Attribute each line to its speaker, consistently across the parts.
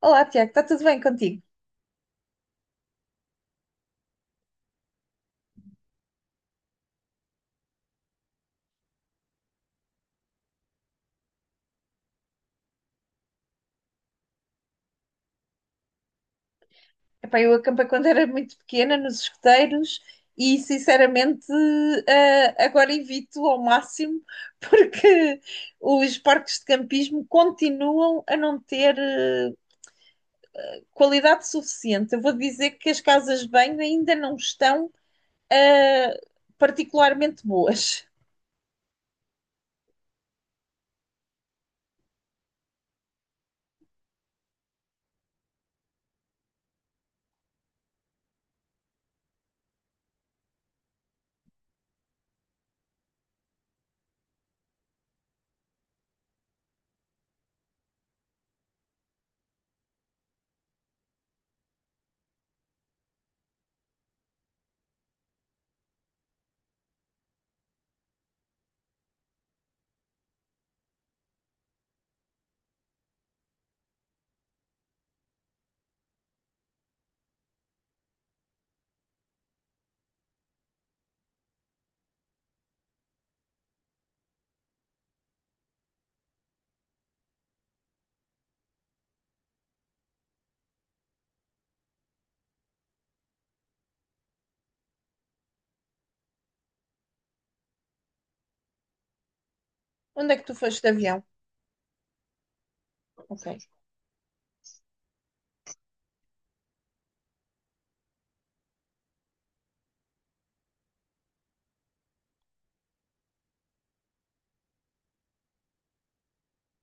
Speaker 1: Olá, Tiago, está tudo bem contigo? Epá, eu acampei quando era muito pequena nos escuteiros e, sinceramente, agora evito ao máximo porque os parques de campismo continuam a não ter qualidade suficiente. Eu vou dizer que as casas de banho ainda não estão eh, particularmente boas. Onde é que tu foste de avião? Ok.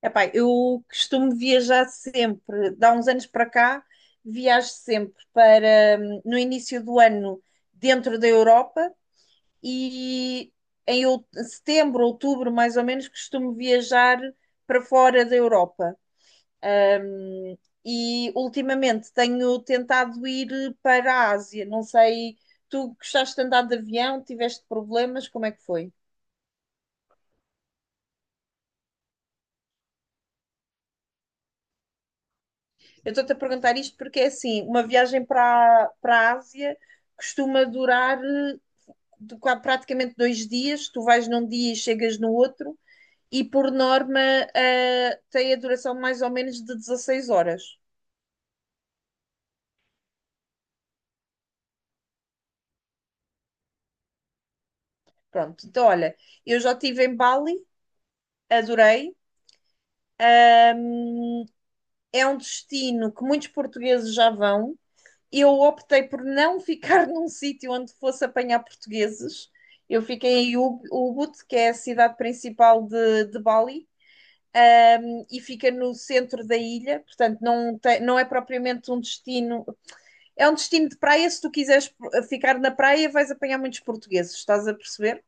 Speaker 1: Epá, eu costumo viajar sempre. Dá uns anos para cá, viajo sempre para no início do ano dentro da Europa e em setembro, outubro, mais ou menos, costumo viajar para fora da Europa. E ultimamente tenho tentado ir para a Ásia. Não sei, tu gostaste de andar de avião, tiveste problemas, como é que foi? Eu estou-te a perguntar isto porque é assim, uma viagem para a Ásia costuma durar praticamente 2 dias, tu vais num dia e chegas no outro, e por norma tem a duração mais ou menos de 16 horas. Pronto, então olha, eu já estive em Bali, adorei, é um destino que muitos portugueses já vão, eu optei por não ficar num sítio onde fosse apanhar portugueses. Eu fiquei em Ubud, que é a cidade principal de Bali, e fica no centro da ilha, portanto não, tem, não é propriamente um destino. É um destino de praia, se tu quiseres ficar na praia vais apanhar muitos portugueses, estás a perceber?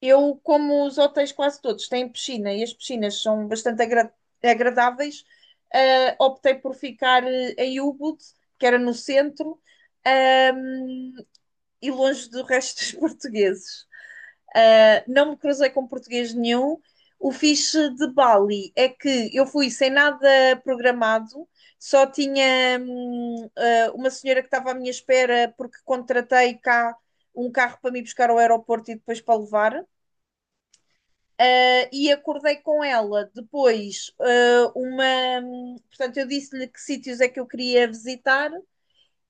Speaker 1: Eu, como os hotéis quase todos têm piscina e as piscinas são bastante agradáveis, optei por ficar em Ubud, que era no centro, ehm, e longe do resto dos portugueses. Não me cruzei com português nenhum. O fixe de Bali é que eu fui sem nada programado, só tinha, uma senhora que estava à minha espera porque contratei cá um carro para me buscar ao aeroporto e depois para levar. E acordei com ela depois uma. Portanto, eu disse-lhe que sítios é que eu queria visitar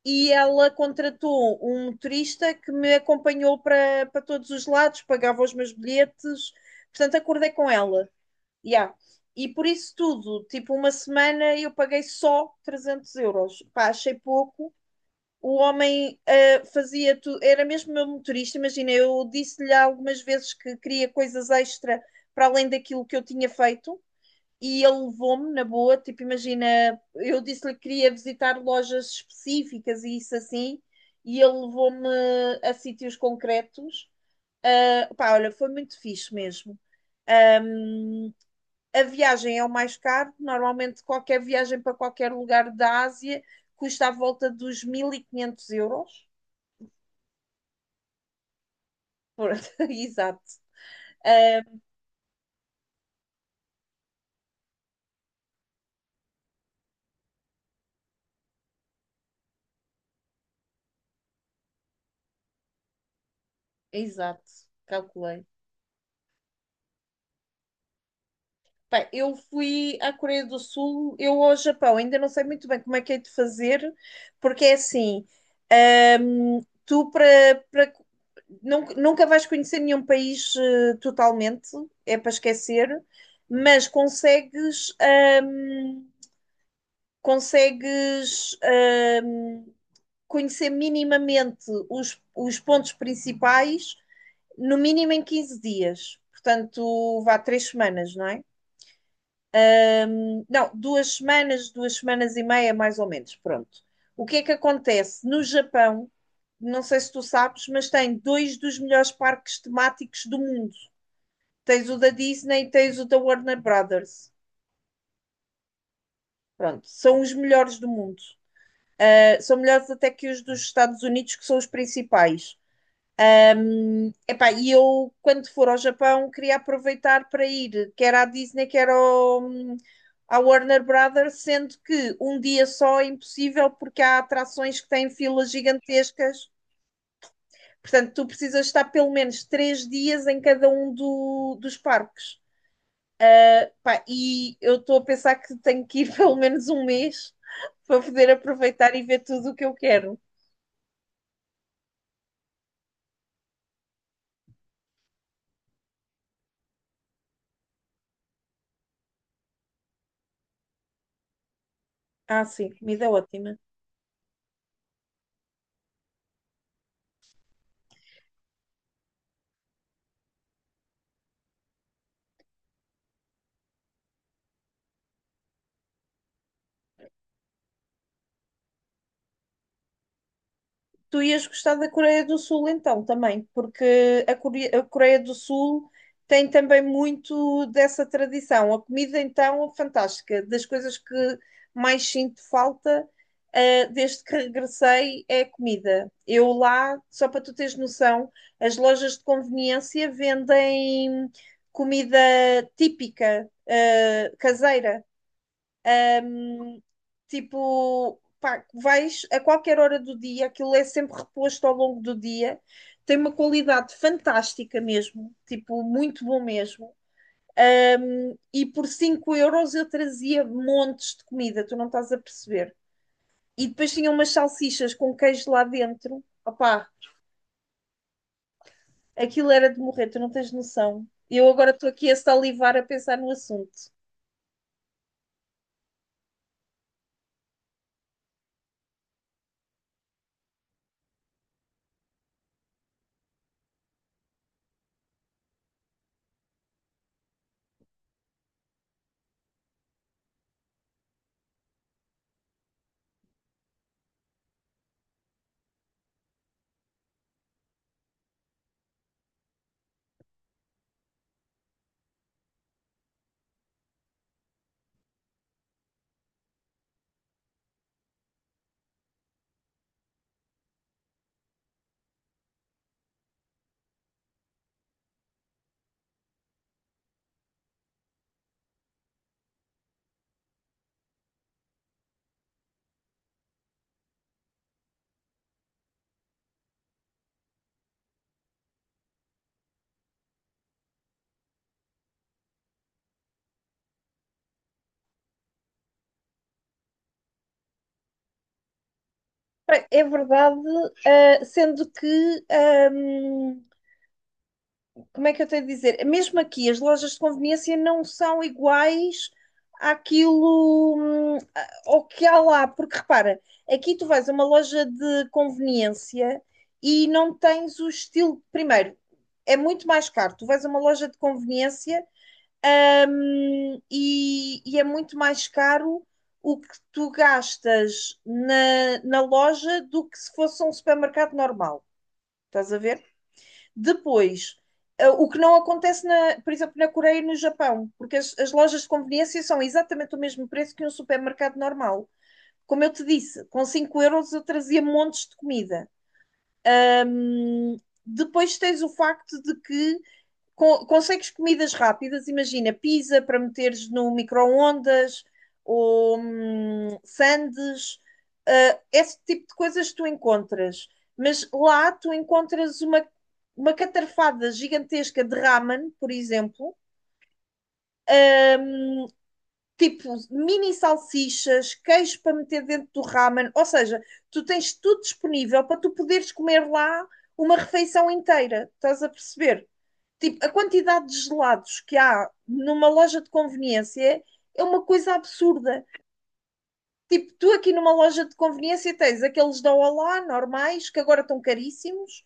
Speaker 1: e ela contratou um motorista que me acompanhou para todos os lados, pagava os meus bilhetes, portanto, acordei com ela. Yeah. E por isso tudo, tipo, uma semana eu paguei só 300 euros. Pá, achei pouco, o homem fazia tudo, era mesmo meu motorista, imagina, eu disse-lhe algumas vezes que queria coisas extra para além daquilo que eu tinha feito e ele levou-me na boa, tipo, imagina, eu disse-lhe que queria visitar lojas específicas e isso assim, e ele levou-me a sítios concretos. Ah, pá, olha, foi muito fixe mesmo. Um, a viagem é o mais caro. Normalmente, qualquer viagem para qualquer lugar da Ásia custa à volta dos 1500 euros. Pronto, exato. Ah, exato, calculei. Bem, eu fui à Coreia do Sul, eu ao Japão, ainda não sei muito bem como é que hei de fazer, porque é assim, tu nunca vais conhecer nenhum país totalmente, é para esquecer, mas consegues conhecer minimamente os pontos principais no mínimo em 15 dias. Portanto, vá 3 semanas, não é? Não, 2 semanas, 2 semanas e meia, mais ou menos. Pronto. O que é que acontece? No Japão, não sei se tu sabes, mas tem dois dos melhores parques temáticos do mundo. Tens o da Disney e tens o da Warner Brothers. Pronto, são os melhores do mundo. São melhores até que os dos Estados Unidos, que são os principais. Epá, e eu, quando for ao Japão, queria aproveitar para ir, quer à Disney, quer à Warner Brothers, sendo que um dia só é impossível porque há atrações que têm filas gigantescas. Portanto, tu precisas estar pelo menos 3 dias em cada um dos parques. Epá, e eu estou a pensar que tenho que ir pelo menos um mês para poder aproveitar e ver tudo o que eu quero. Ah, sim, comida é ótima. Tu ias gostar da Coreia do Sul então também, porque a Coreia do Sul tem também muito dessa tradição. A comida então é fantástica, das coisas que mais sinto falta, desde que regressei é a comida. Eu lá, só para tu teres noção, as lojas de conveniência vendem comida típica, caseira. Tipo, pá, vais a qualquer hora do dia, aquilo é sempre reposto ao longo do dia. Tem uma qualidade fantástica mesmo, tipo, muito bom mesmo. E por 5 euros eu trazia montes de comida, tu não estás a perceber. E depois tinha umas salsichas com queijo lá dentro. Opá, aquilo era de morrer, tu não tens noção. Eu agora estou aqui a salivar a pensar no assunto. Bem, é verdade, sendo que como é que eu tenho de dizer? Mesmo aqui, as lojas de conveniência não são iguais àquilo hum, ao que há lá, porque repara, aqui tu vais a uma loja de conveniência e não tens o estilo. Primeiro, é muito mais caro. Tu vais a uma loja de conveniência e é muito mais caro o que tu gastas na loja do que se fosse um supermercado normal. Estás a ver? Depois, o que não acontece, na, por exemplo, na Coreia e no Japão, porque as lojas de conveniência são exatamente o mesmo preço que um supermercado normal. Como eu te disse, com 5 euros eu trazia montes de comida. Hum, depois tens o facto de que consegues comidas rápidas, imagina, pizza para meteres no micro-ondas ou sandes, esse tipo de coisas tu encontras. Mas lá tu encontras uma catarfada gigantesca de ramen, por exemplo, hum, tipo mini salsichas, queijo para meter dentro do ramen, ou seja, tu tens tudo disponível para tu poderes comer lá uma refeição inteira, estás a perceber? Tipo, a quantidade de gelados que há numa loja de conveniência é uma coisa absurda. Tipo, tu aqui numa loja de conveniência tens aqueles da Olá, normais, que agora estão caríssimos.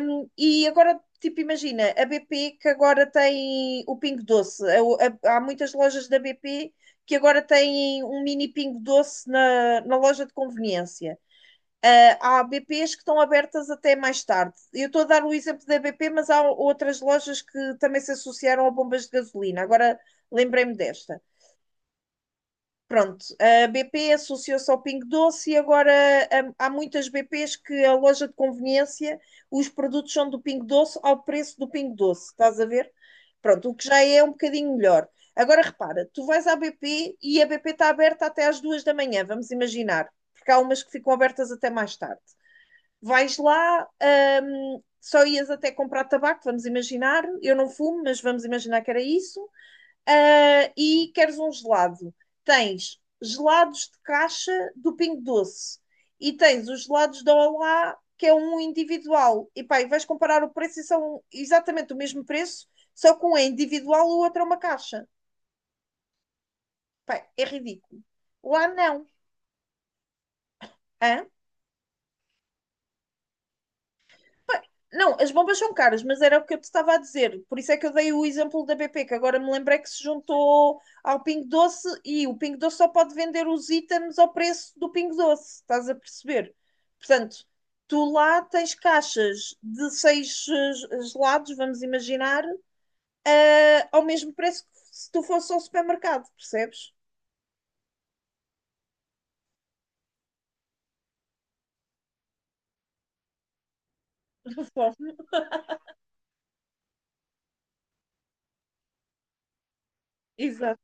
Speaker 1: E agora, tipo, imagina, a BP que agora tem o Pingo Doce. Há muitas lojas da BP que agora têm um mini Pingo Doce na loja de conveniência. Ah, há BPs que estão abertas até mais tarde. Eu estou a dar o exemplo da BP, mas há outras lojas que também se associaram a bombas de gasolina. Agora lembrei-me desta. Pronto, a BP associou-se ao Pingo Doce e agora há muitas BPs que a loja de conveniência, os produtos são do Pingo Doce ao preço do Pingo Doce, estás a ver? Pronto, o que já é um bocadinho melhor. Agora repara, tu vais à BP e a BP está aberta até às 2 da manhã, vamos imaginar, porque há umas que ficam abertas até mais tarde vais lá, só ias até comprar tabaco, vamos imaginar, eu não fumo, mas vamos imaginar que era isso, e queres um gelado. Tens gelados de caixa do Pingo Doce e tens os gelados da Olá, que é um individual. E pá, e vais comparar o preço e são exatamente o mesmo preço, só que um é individual e o outro é uma caixa. Pá, é ridículo. Lá não. Hã? Não, as bombas são caras, mas era o que eu te estava a dizer. Por isso é que eu dei o exemplo da BP, que agora me lembrei que se juntou ao Pingo Doce e o Pingo Doce só pode vender os itens ao preço do Pingo Doce, estás a perceber? Portanto, tu lá tens caixas de seis gelados, vamos imaginar, ao mesmo preço que se tu fosse ao supermercado, percebes? Conforme. Exato.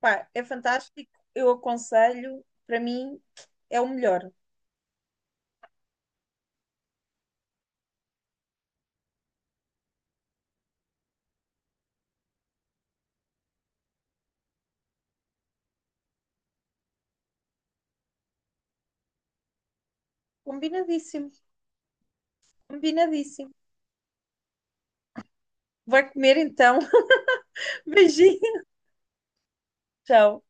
Speaker 1: Pá, é fantástico, eu aconselho, para mim é o melhor. Combinadíssimo, combinadíssimo. Vai comer então. Beijinho. Tchau.